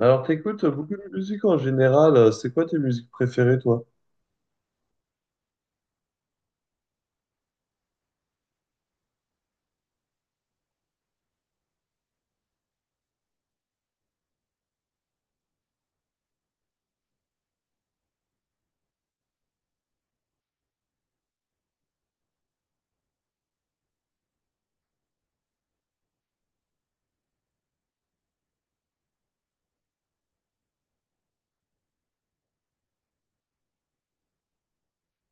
Alors, t'écoutes beaucoup de musique en général. C'est quoi tes musiques préférées, toi?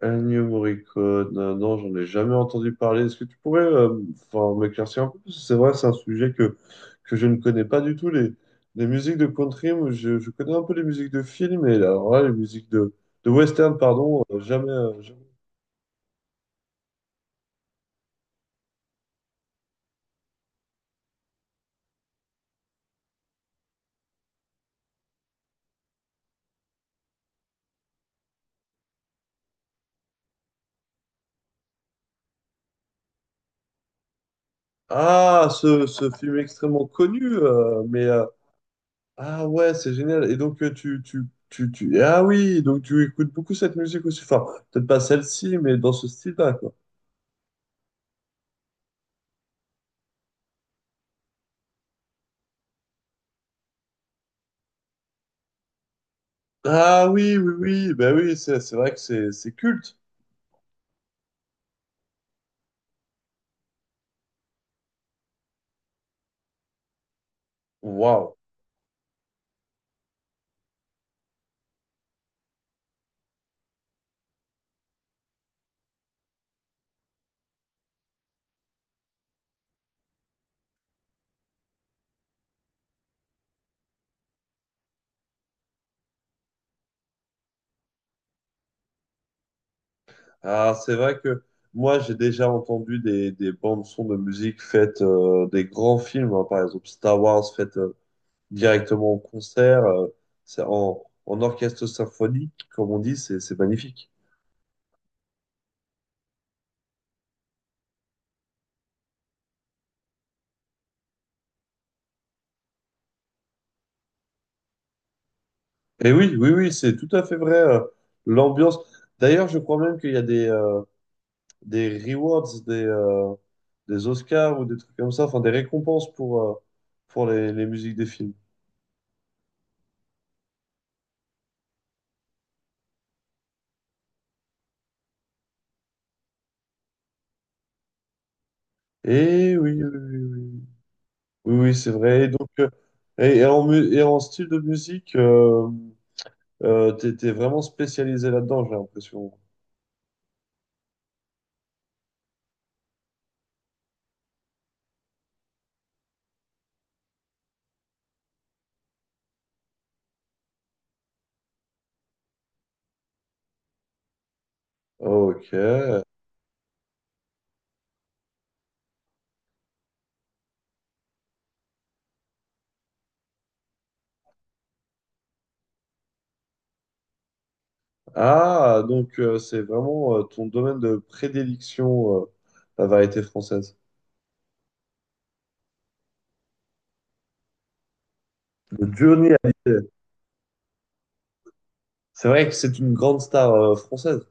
Ennio Morricone, non, j'en ai jamais entendu parler. Est-ce que tu pourrais enfin, m'éclaircir un peu? Parce que c'est vrai, c'est un sujet que je ne connais pas du tout. Les musiques de country, moi, je connais un peu les musiques de films, et alors là, les musiques de western, pardon, jamais, jamais. Ah, ce film extrêmement connu, mais ah ouais, c'est génial. Et donc, ah oui, donc tu écoutes beaucoup cette musique aussi. Enfin, peut-être pas celle-ci, mais dans ce style-là, quoi. Ah oui, oui, oui. Ben oui, c'est vrai que c'est culte. Waouh. Ah, c'est vrai que moi, j'ai déjà entendu des bandes son de musique faites des grands films, hein. Par exemple Star Wars, faites directement en concert, en orchestre symphonique, comme on dit, c'est magnifique. Et oui, oui, oui, c'est tout à fait vrai. L'ambiance. D'ailleurs, je crois même qu'il y a des rewards, des Oscars ou des trucs comme ça, enfin des récompenses pour les musiques des films. Et oui, oui, oui, oui, oui, oui, oui, c'est vrai. Et donc, et en style de musique, t'es vraiment spécialisé là-dedans, j'ai l'impression. Ok. Ah, donc c'est vraiment ton domaine de prédilection, la variété française. De Johnny Hallyday. C'est vrai que c'est une grande star française.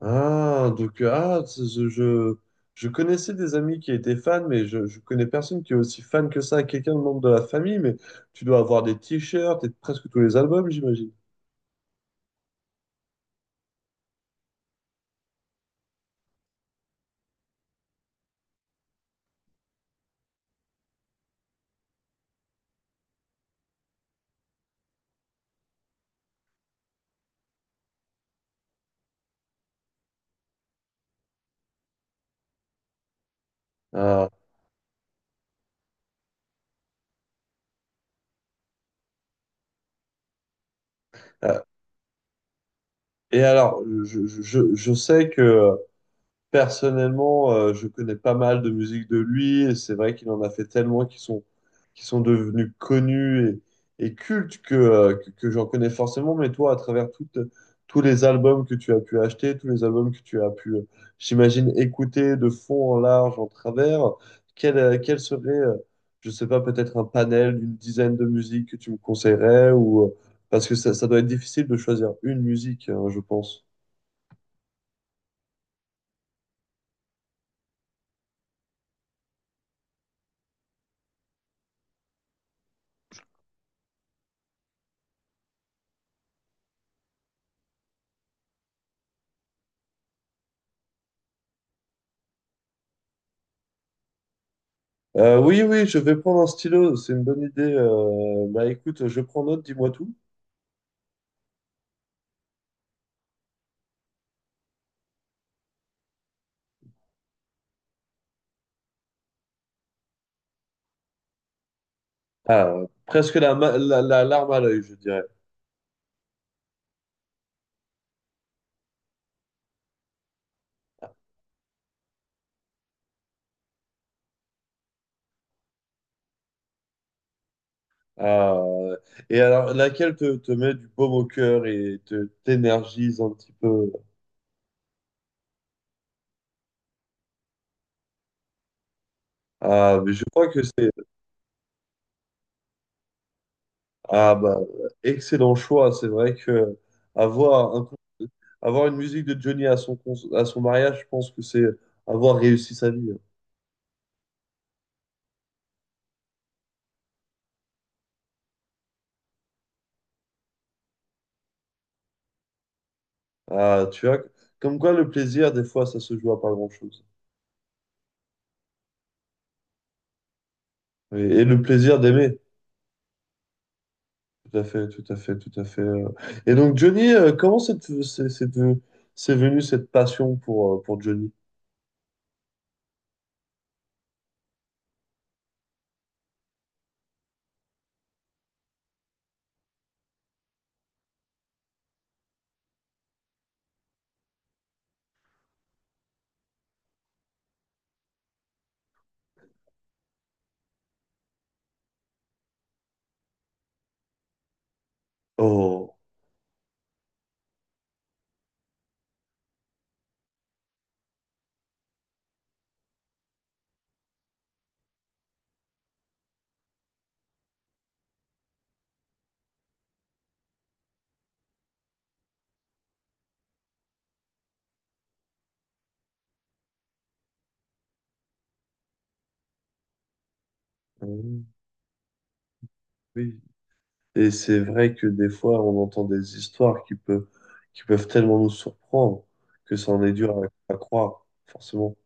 Ah, donc, je connaissais des amis qui étaient fans, mais je connais personne qui est aussi fan que ça, quelqu'un de membre de la famille, mais tu dois avoir des t-shirts et presque tous les albums, j'imagine. Ah, ah. Et alors, je sais que. Personnellement, je connais pas mal de musique de lui et c'est vrai qu'il en a fait tellement qui sont devenus connus et cultes que j'en connais forcément. Mais toi, à travers tous les albums que tu as pu acheter, tous les albums que tu as pu, j'imagine, écouter de fond en large, en travers, quel serait, je sais pas, peut-être un panel d'une dizaine de musiques que tu me conseillerais ou, parce que ça doit être difficile de choisir une musique, hein, je pense. Oui, oui, je vais prendre un stylo, c'est une bonne idée. Bah écoute, je prends note, dis-moi tout. Ah, presque la larme à l'œil, je dirais. Ah, et alors, laquelle te met du baume au cœur et te t'énergise un petit peu? Ah, mais je crois que c'est... Ah, bah, excellent choix. C'est vrai que avoir, un, con- avoir une musique de Johnny à à son mariage, je pense que c'est avoir réussi sa vie. Ah, tu vois, comme quoi le plaisir, des fois, ça se joue à pas grand-chose. Et le plaisir d'aimer. Tout à fait, tout à fait, tout à fait. Et donc, Johnny, comment c'est venu cette passion pour Johnny? Oh. Mmh. Oui. Et c'est vrai que des fois, on entend des histoires qui peuvent tellement nous surprendre que ça en est dur à croire, forcément.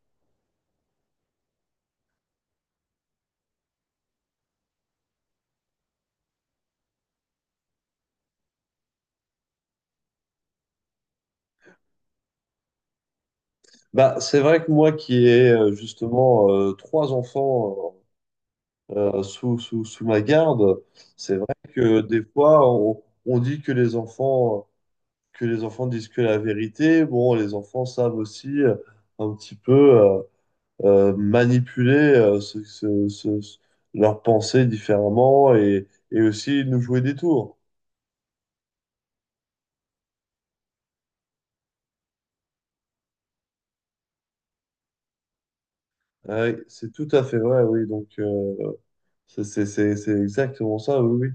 Bah, c'est vrai que moi qui ai justement trois enfants sous ma garde, c'est vrai que des fois, on dit que les enfants disent que la vérité. Bon, les enfants savent aussi un petit peu manipuler leurs pensées différemment et aussi nous jouer des tours. Ouais, c'est tout à fait vrai, oui. Donc, c'est exactement ça, oui, oui.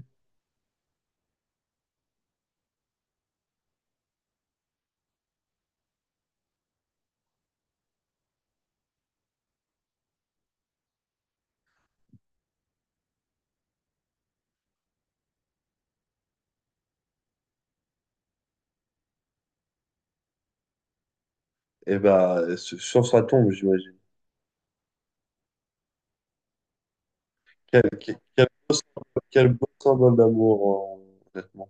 Et bah, sur sa tombe, j'imagine. Quel, quel- quel beau, quel beau symbole d'amour, honnêtement.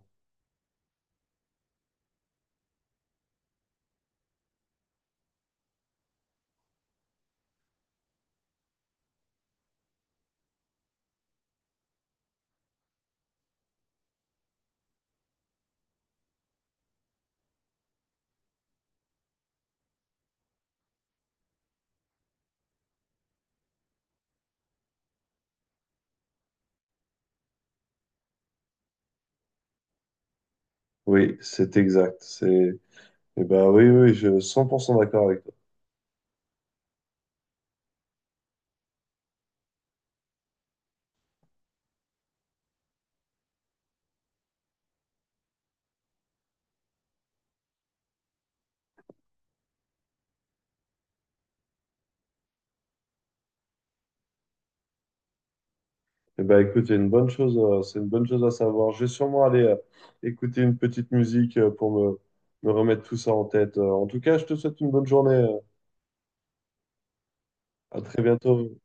Oui, c'est exact. C'est, et ben, oui, oui, je suis 100% d'accord avec. Eh ben, écoute, c'est une bonne chose, c'est une bonne chose à savoir. Je vais sûrement aller écouter une petite musique pour me remettre tout ça en tête. En tout cas, je te souhaite une bonne journée. À très bientôt.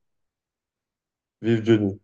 Vive Johnny.